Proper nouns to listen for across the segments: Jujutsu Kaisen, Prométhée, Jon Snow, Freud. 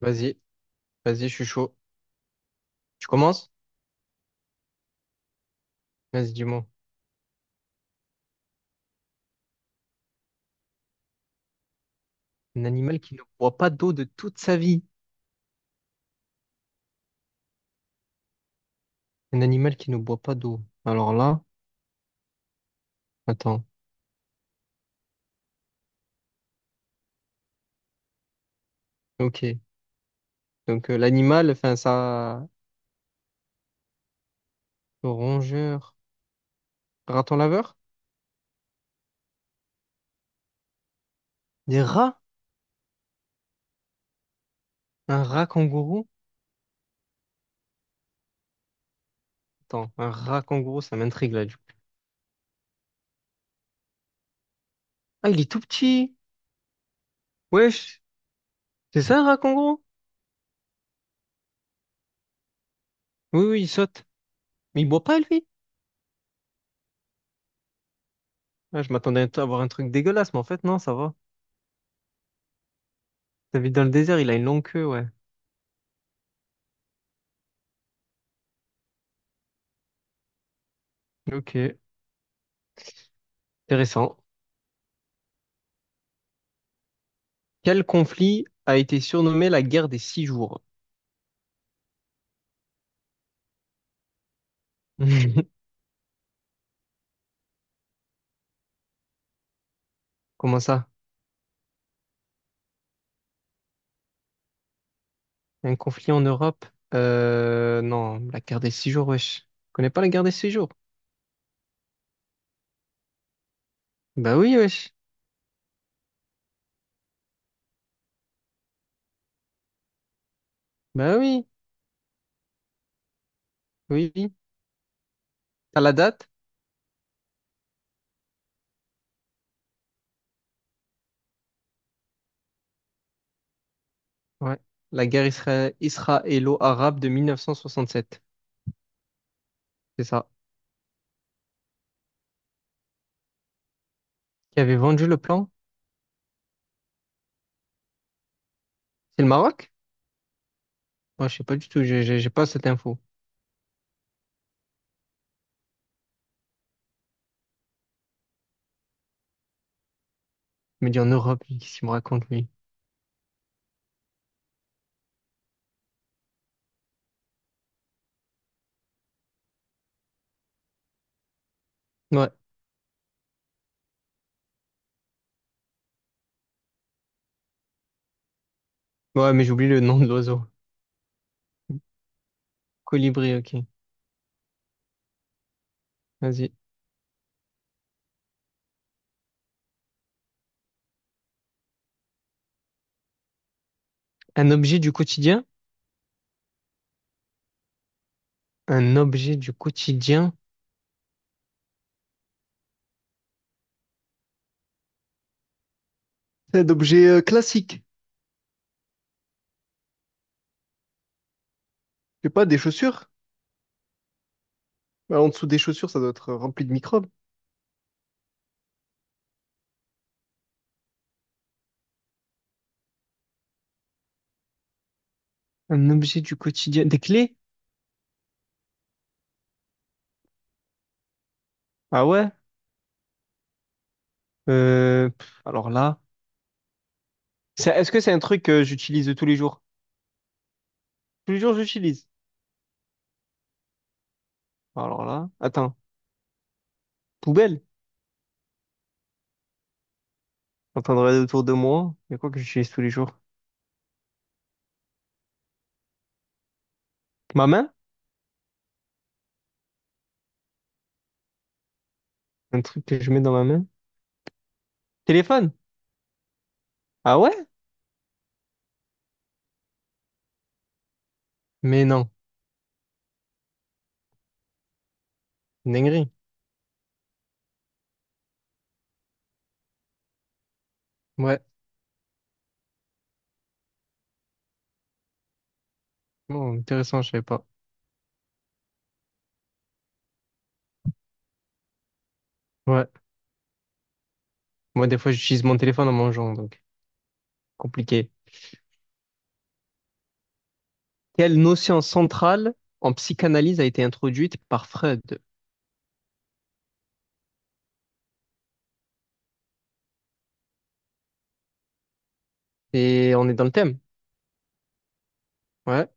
Vas-y, vas-y, je suis chaud. Tu commences? Vas-y, dis-moi. Un animal qui ne boit pas d'eau de toute sa vie. Un animal qui ne boit pas d'eau. Alors là, attends. Ok. Donc l'animal, enfin ça, le rongeur, raton laveur? Des rats? Un rat kangourou? Attends, un rat kangourou, ça m'intrigue là du coup. Ah, il est tout petit. Wesh, c'est ça un rat kangourou? Oui, oui, il saute. Mais il boit pas lui. Ah, je m'attendais à avoir un truc dégueulasse, mais en fait non, ça va. Ça vit dans le désert, il a une longue queue, ouais. Ok, intéressant. Quel conflit a été surnommé la guerre des six jours? Comment ça? Un conflit en Europe? Non, la guerre des six jours, wesh. Tu connais pas la guerre des six jours? Bah oui, wesh. Bah oui, oui, oui. T'as la date? Ouais. La guerre israélo-arabe de 1967. C'est ça. Qui avait vendu le plan? C'est le Maroc? Moi, je sais pas du tout. J'ai pas cette info. Il me dit en Europe, lui, qu'est-ce qu'il me raconte, lui? Ouais. Ouais, mais j'oublie le nom de l'oiseau. Colibri, ok. Vas-y. Un objet du quotidien? Un objet du quotidien. C'est d'objets classiques. Je sais pas, des chaussures. Bah, en dessous des chaussures, ça doit être rempli de microbes. Un objet du quotidien. Des clés? Ah ouais? Alors là. C'est- Est-ce que c'est un truc que j'utilise tous les jours? Tous les jours, j'utilise. Alors là. Attends. Poubelle? Je suis en train de regarder autour de moi. Il y a quoi que j'utilise tous les jours? Ma main? Un truc que je mets dans ma main? Téléphone? Ah ouais? Mais non. Une dinguerie. Ouais. Bon, intéressant, je savais pas. Ouais. Moi, des fois, j'utilise mon téléphone en mangeant, donc compliqué. Quelle notion centrale en psychanalyse a été introduite par Freud? Et on est dans le thème. Ouais.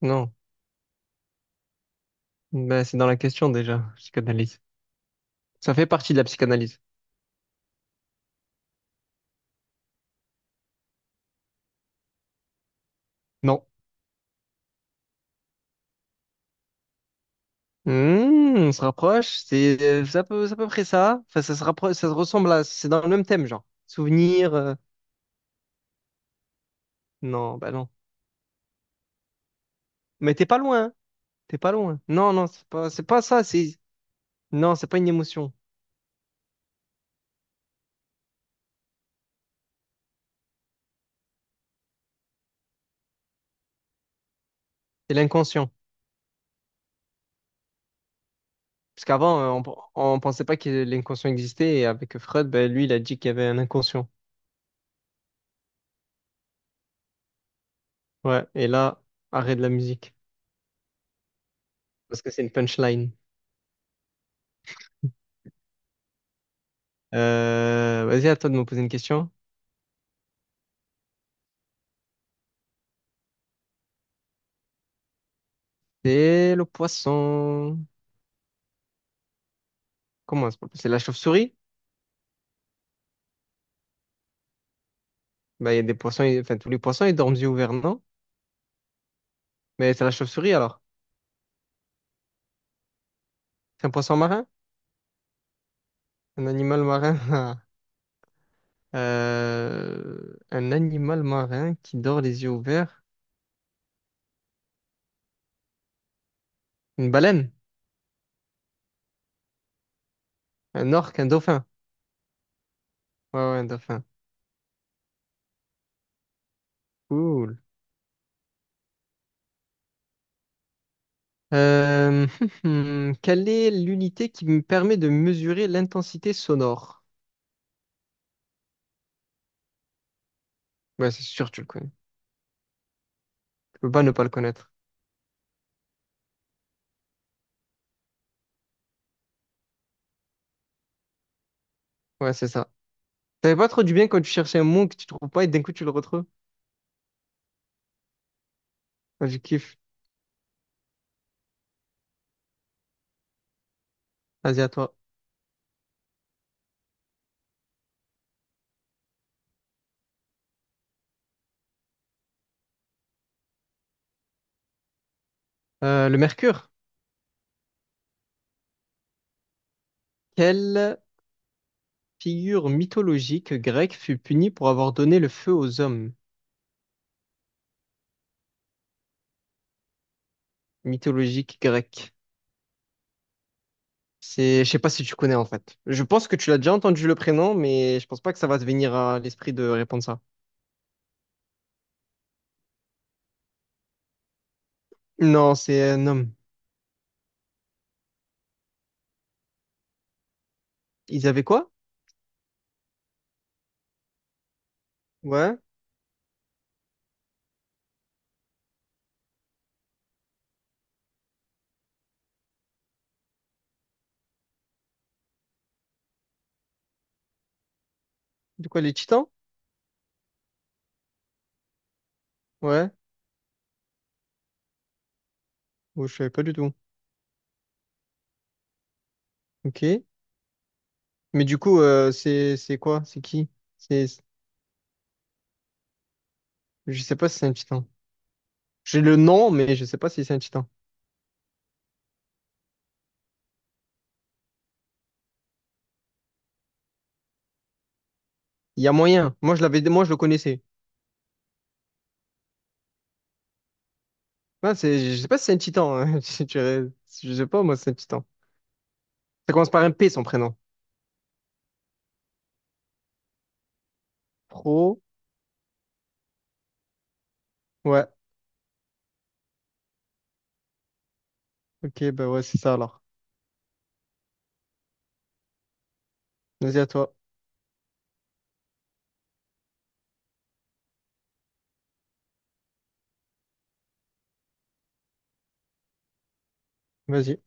Non. Ben, c'est dans la question déjà, psychanalyse. Ça fait partie de la psychanalyse. Non. Hmm, on se rapproche. C'est c'est à peu près ça. Enfin, ça se rapproche, ça se ressemble à. C'est dans le même thème, genre. Souvenir. Non, bah non. Mais t'es pas loin, hein. T'es pas loin. Non, non, c'est pas ça. C'est pas une émotion. C'est l'inconscient. Parce qu'avant, on pensait pas que l'inconscient existait. Et avec Freud, ben, lui, il a dit qu'il y avait un inconscient. Ouais, et là, arrêt de la musique, parce que c'est une punchline. Vas-y, à toi de me poser une question. C'est le poisson. Comment c'est pas- C'est la chauve-souris? Bah, il y a des poissons, ils- enfin, tous les poissons, ils dorment yeux ouverts, non? Mais c'est la chauve-souris alors. C'est un poisson marin? Un animal marin? Un animal marin qui dort les yeux ouverts? Une baleine? Un orque? Un dauphin? Ouais, ouais, un dauphin. Cool. Euh, Quelle est l'unité qui me permet de mesurer l'intensité sonore? Ouais, c'est sûr, tu le connais. Tu peux pas ne pas le connaître. Ouais, c'est ça. T'avais pas trop du bien quand tu cherchais un mot que tu trouves pas et d'un coup tu le retrouves. Moi, je kiffe. Vas-y, à toi. Le mercure. Quelle figure mythologique grecque fut punie pour avoir donné le feu aux hommes? Mythologique grecque. C'est, je sais pas si tu connais en fait. Je pense que tu l'as déjà entendu le prénom, mais je pense pas que ça va te venir à l'esprit de répondre ça. Non, c'est un homme. Ils avaient quoi? Ouais. De quoi, les titans? Ouais. Oh, je savais pas du tout. Ok. Mais du coup, c'est quoi? C'est qui? C'est, je sais pas si c'est un titan. J'ai le nom, mais je sais pas si c'est un titan. Il y a moyen. Moi, je l'avais, moi, je le connaissais. Ah, c'est, je sais pas si c'est un titan, hein. Si tu- Je sais pas, moi, c'est un titan. Ça commence par un P, son prénom. Pro. Ouais. Ok, bah ouais, c'est ça alors. Vas-y à toi. Vas-y.